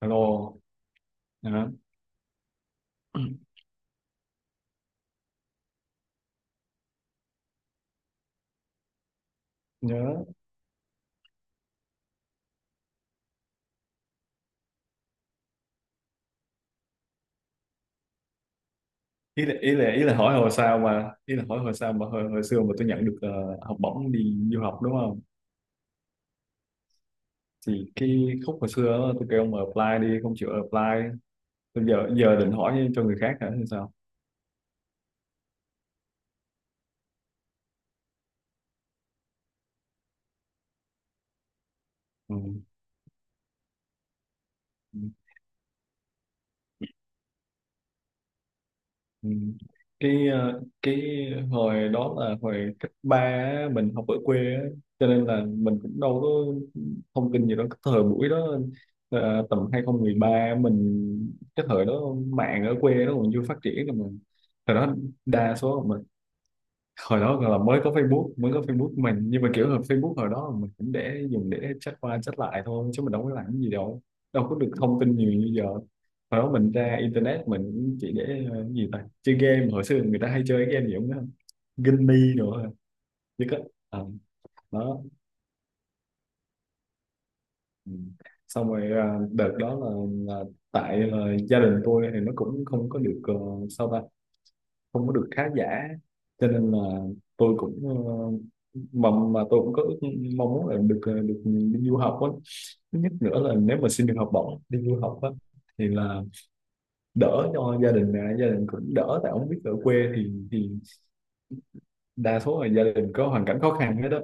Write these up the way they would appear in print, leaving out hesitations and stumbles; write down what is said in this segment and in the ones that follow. Alo. Nhớ. Nhớ. Ý là hỏi hồi sao mà hồi xưa mà tôi nhận được học bổng đi du học đúng không? Thì cái khúc hồi xưa đó, tôi kêu ông apply, đi không chịu apply. Tôi giờ giờ định hỏi cho người khác hả hay sao? Ừ. Ừ. Cái hồi đó là hồi cấp ba á, mình học ở quê á, cho nên là mình cũng đâu có thông tin gì đó cái thời buổi đó. Tầm 2013, mình cái thời đó mạng ở quê nó còn chưa phát triển rồi mà. Thời đó đa số mà hồi đó còn là mới có Facebook của mình, nhưng mà kiểu là Facebook hồi đó là mình cũng để dùng để chat qua chat lại thôi chứ mình đâu có làm cái gì đâu, đâu có được thông tin nhiều như giờ. Hồi đó mình ra internet mình cũng chỉ để cái gì ta, chơi game. Hồi xưa người ta hay chơi cái game gì cũng đó, Ginny nữa, chứ có, à, đó. Ừ. Xong rồi đợt đó là tại là gia đình tôi thì nó cũng không có được, sao ta, không có được khá giả, cho nên là tôi cũng, mà tôi cũng có ước mong muốn là được đi du học á. Thứ nhất nữa là nếu mà xin được học bổng đi du học á thì là đỡ cho gia đình nè, gia đình cũng đỡ, tại ông biết ở quê thì đa số là gia đình có hoàn cảnh khó khăn hết đó.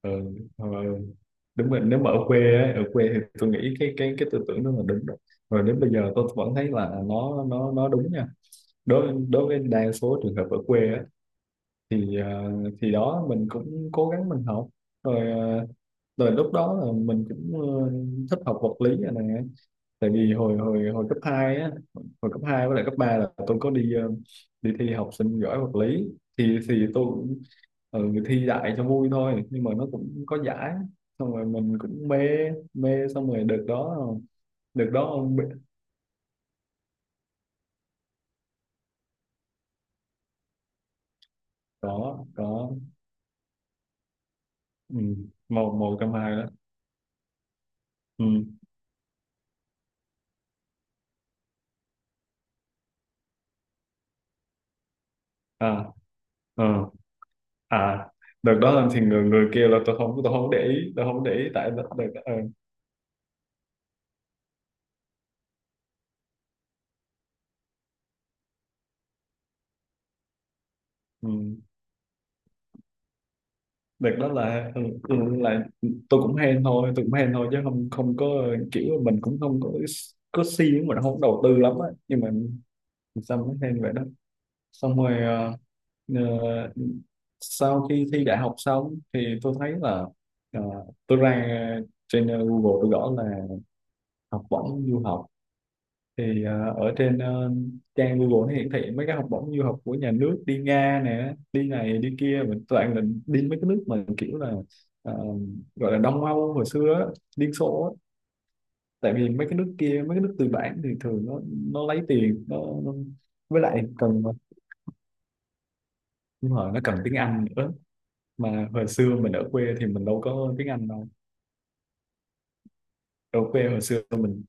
ờ, ờ, Đúng rồi, nếu mà ở quê á, ở quê thì tôi nghĩ cái tư tưởng đó là đúng rồi. Rồi đến bây giờ tôi vẫn thấy là nó đúng nha. Đối đối với đa số trường hợp ở quê á thì thì đó mình cũng cố gắng mình học rồi, rồi lúc đó là mình cũng thích học vật lý này nè, tại vì hồi hồi hồi cấp 2 á, hồi cấp hai với lại cấp 3 là tôi có đi thi học sinh giỏi vật lý. Thì tôi cũng, thi đại cho vui thôi nhưng mà nó cũng có giải, xong rồi mình cũng mê mê, xong rồi được đó. Được đó, có có. Ừ, một một trong hai đó. Ừ. À. Ờ. À. Đợt đó làm thì người người kia là tôi không để ý tại ừ, đợt đó là, là tôi cũng hên thôi, tôi cũng hên thôi, chứ không không có kiểu là mình cũng không có siêng, mình không đầu tư lắm á, nhưng mà sao mới hên vậy đó. Xong rồi Ờ, sau khi thi đại học xong thì tôi thấy là, ờ, tôi ra trên, Google tôi gõ là học bổng du học, thì ở trên trang Google nó hiển thị mấy cái học bổng du học của nhà nước, đi Nga nè, đi này đi kia, mình toàn là đi mấy cái nước mà kiểu là, ờ, gọi là Đông Âu hồi xưa á, Liên Xô á. Tại vì mấy cái nước kia, mấy cái nước tư bản thì thường nó lấy tiền nó. Với lại cần, đúng rồi, nó cần tiếng Anh nữa, mà hồi xưa mình ở quê thì mình đâu có tiếng Anh đâu. Ở quê hồi xưa mình,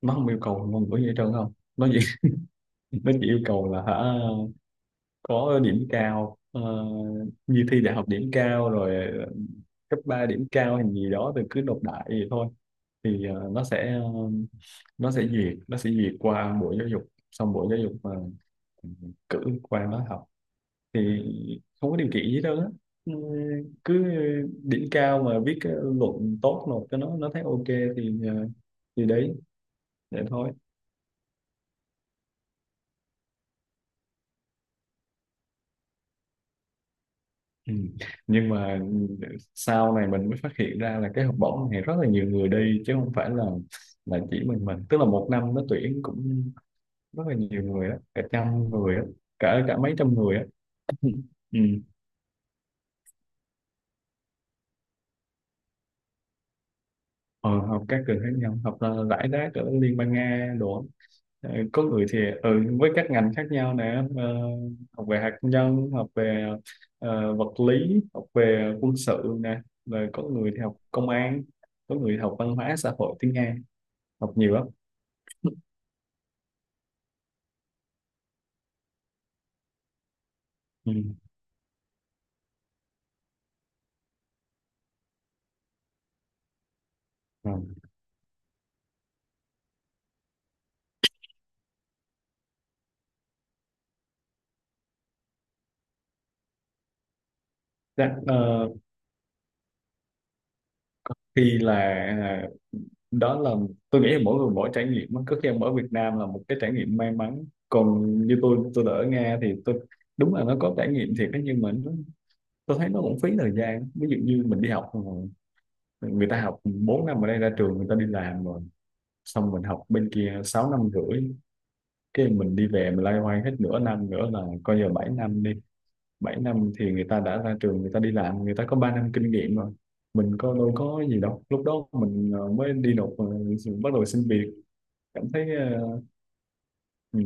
nó không yêu cầu ngôn ngữ gì hết trơn, không, nó chỉ nó chỉ yêu cầu là hả, có điểm cao, như thi đại học điểm cao rồi, cấp 3 điểm cao hay gì đó thì cứ nộp đại vậy thôi, thì nó sẽ duyệt qua bộ giáo dục, xong bộ giáo dục mà cử qua đó học thì không có điều kiện gì đâu á. Ừ, cứ điểm cao mà viết cái luận tốt nộp cho nó thấy ok thì thì đấy, vậy thôi. Ừ. Nhưng mà sau này mình mới phát hiện ra là cái học bổng này rất là nhiều người đi chứ không phải là chỉ mình, tức là một năm nó tuyển cũng rất là nhiều người á, cả trăm người á, cả cả mấy trăm người á. Ừ. ờ, Học các trường khác nhau, học là rải rác ở Liên bang Nga đồ á. Ờ, có người thì, với các ngành khác nhau nè, học về hạt nhân, học về vật lý, học về quân sự nè, rồi có người thì học công an, có người học văn hóa xã hội tiếng Nga, học nhiều lắm. Ừ. Ừ. Dạ. Ờ, có khi là, à, đó là, tôi nghĩ là mỗi người mỗi trải nghiệm á. Có khi ông ở Việt Nam là một cái trải nghiệm may mắn, còn như tôi đã ở Nga thì tôi, đúng là nó có trải nghiệm thiệt đó, nhưng mà tôi thấy nó cũng phí thời gian. Ví dụ như mình đi học rồi, người ta học 4 năm ở đây ra trường người ta đi làm rồi, xong mình học bên kia 6 năm rưỡi, cái mình đi về mình loay hoay hết nửa năm nữa là coi giờ 7 năm đi, 7 năm thì người ta đã ra trường, người ta đi làm, người ta có 3 năm kinh nghiệm rồi, mình có đâu có gì đâu, lúc đó mình mới đi nộp, bắt đầu xin việc, cảm thấy ừ,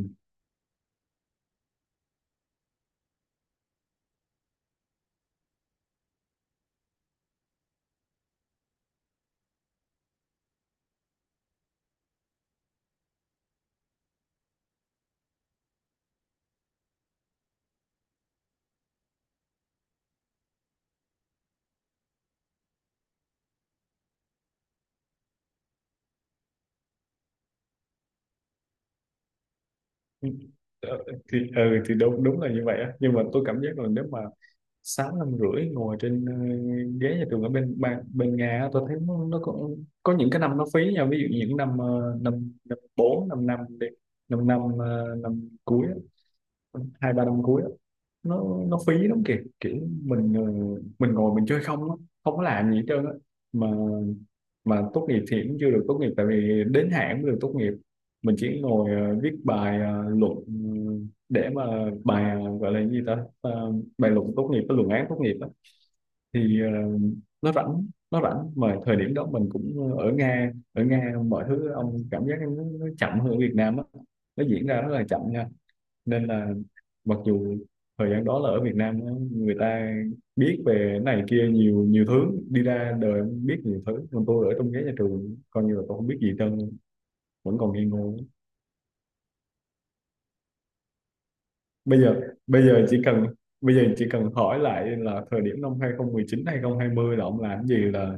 ừ, ờ, thì thì đúng đúng là như vậy á, nhưng mà tôi cảm giác là nếu mà 6 năm rưỡi ngồi trên, ghế nhà trường ở bên ba- bên Nga á, tôi thấy nó có những cái năm nó phí nha, ví dụ những năm năm năm bốn năm năm đi, năm năm năm cuối á, hai ba năm cuối á, nó phí lắm kìa kiểu mình, mình ngồi mình chơi không á, không có làm gì hết trơn á mà. Mà tốt nghiệp thì cũng chưa được tốt nghiệp, tại vì đến hạn mới được tốt nghiệp, mình chỉ ngồi viết bài luận để mà bài, gọi là gì ta, bài luận tốt nghiệp, cái luận án tốt nghiệp á, thì nó rảnh mà, thời điểm đó mình cũng ở Nga, mọi thứ ông cảm giác nó chậm hơn ở Việt Nam á, nó diễn ra rất là chậm nha, nên là. Mặc dù thời gian đó là ở Việt Nam á, người ta biết về cái này kia nhiều, nhiều thứ đi ra đời biết nhiều thứ, còn tôi ở trong ghế nhà trường coi như là tôi không biết gì hết trơn, vẫn còn nghi ngờ. Bây giờ bây giờ chỉ cần bây giờ chỉ cần hỏi lại là thời điểm năm hai hai chín hai 2020 là ông làm cái gì là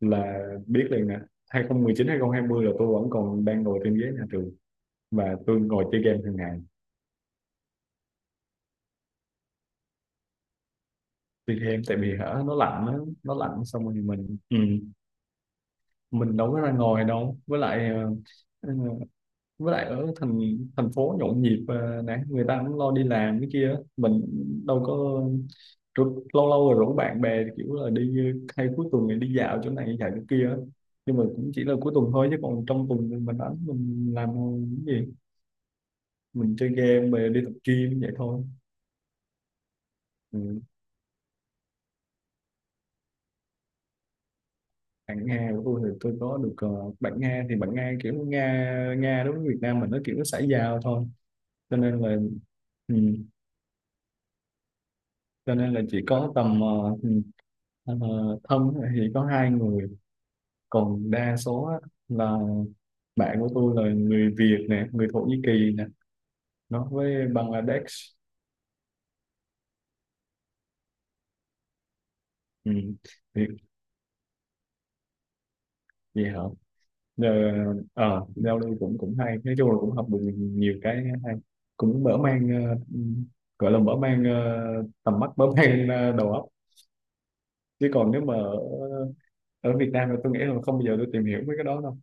là biết liền nè. Hai hai chín hai 2020 là tôi vẫn còn đang ngồi trên ghế nhà trường và tôi ngồi chơi game hàng ngày. Chơi game tại vì hả nó lạnh á, nó lạnh xong rồi mình. Ừ. Mình đâu có ra ngoài đâu, với lại ờ, ở thành thành phố nhộn nhịp nè, người ta cũng lo đi làm cái kia, mình đâu có, lâu lâu rồi rủ bạn bè kiểu là đi, hay cuối tuần thì đi dạo chỗ này dạo chỗ kia nhưng mà cũng chỉ là cuối tuần thôi, chứ còn trong tuần thì mình đánh mình làm cái gì, mình chơi game về đi tập gym vậy thôi. Ừ. Bạn Nga của tôi thì tôi có được, bạn Nga thì bạn Nga, kiểu Nga Nga đối với Việt Nam mình nó kiểu nó xã giao thôi, cho nên là Ừ. Cho nên là chỉ có tầm, ờ, thân thì có hai người, còn đa số á, là bạn của tôi là người Việt nè, người Thổ Nhĩ Kỳ nè, nó với Bangladesh. Ừ. Thì gì hả? Giờ giao lưu cũng cũng hay, nói chung là cũng học được nhiều cái hay, cũng mở mang, gọi là mở mang tầm mắt, mở mang đầu óc. Chứ còn nếu mà ở ở Việt Nam thì tôi nghĩ là không bao giờ tôi tìm hiểu mấy cái đó đâu.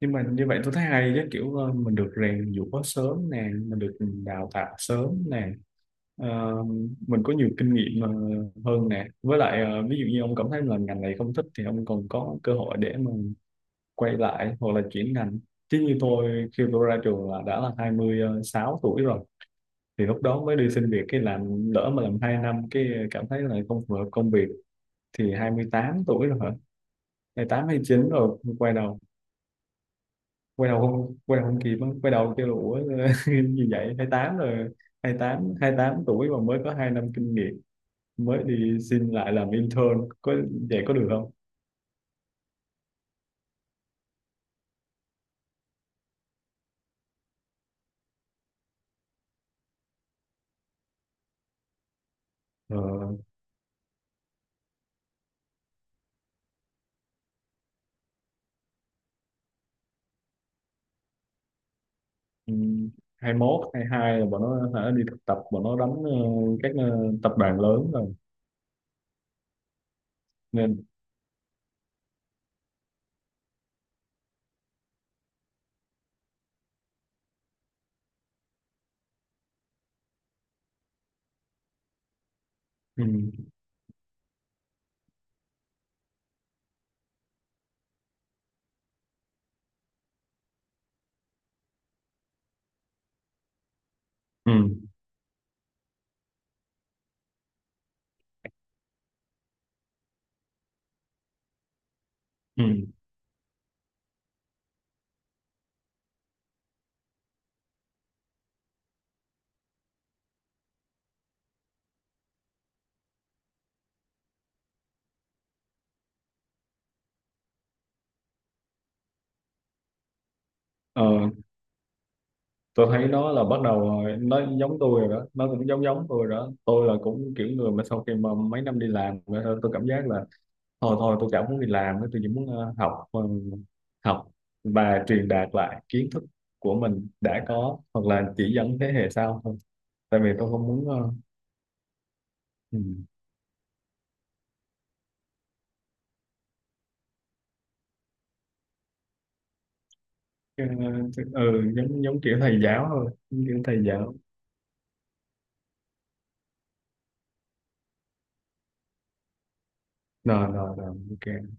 Nhưng mà như vậy tôi thấy hay chứ kiểu, mình được rèn giũa sớm nè, mình được đào tạo sớm nè. Ờ, mình có nhiều kinh nghiệm hơn nè, với lại ví dụ như ông cảm thấy là ngành này không thích thì ông còn có cơ hội để mà quay lại hoặc là chuyển ngành, chứ như tôi khi tôi ra trường là đã là hai mươi sáu tuổi rồi, thì lúc đó mới đi xin việc cái làm, lỡ mà làm 2 năm cái cảm thấy là không phù hợp công việc thì 28 tuổi rồi hả? Hai mươi tám, hai mươi chín rồi, quay đầu không kịp á. Quay đầu kêu là ủa như vậy 28 rồi, 28 tám tuổi mà mới có 2 năm kinh nghiệm, mới đi xin lại làm intern có vậy có được không? ờ, ừm, Hai mốt hai hai là bọn nó hả, đi thực tập bọn nó đóng các tập đoàn lớn rồi nên. ừm, ừm, ừm. Ờ, tôi thấy nó là bắt đầu rồi, nó giống tôi rồi đó, nó cũng giống giống tôi rồi đó, tôi là cũng kiểu người mà sau khi mà mấy năm đi làm rồi tôi cảm giác là thôi thôi tôi chẳng muốn đi làm nữa, tôi chỉ muốn học và truyền đạt lại kiến thức của mình đã có hoặc là chỉ dẫn thế hệ sau thôi, tại vì tôi không muốn ừ, ờ, giống giống kiểu thầy giáo thôi, giống kiểu thầy giáo, rồi, rồi, rồi, ok.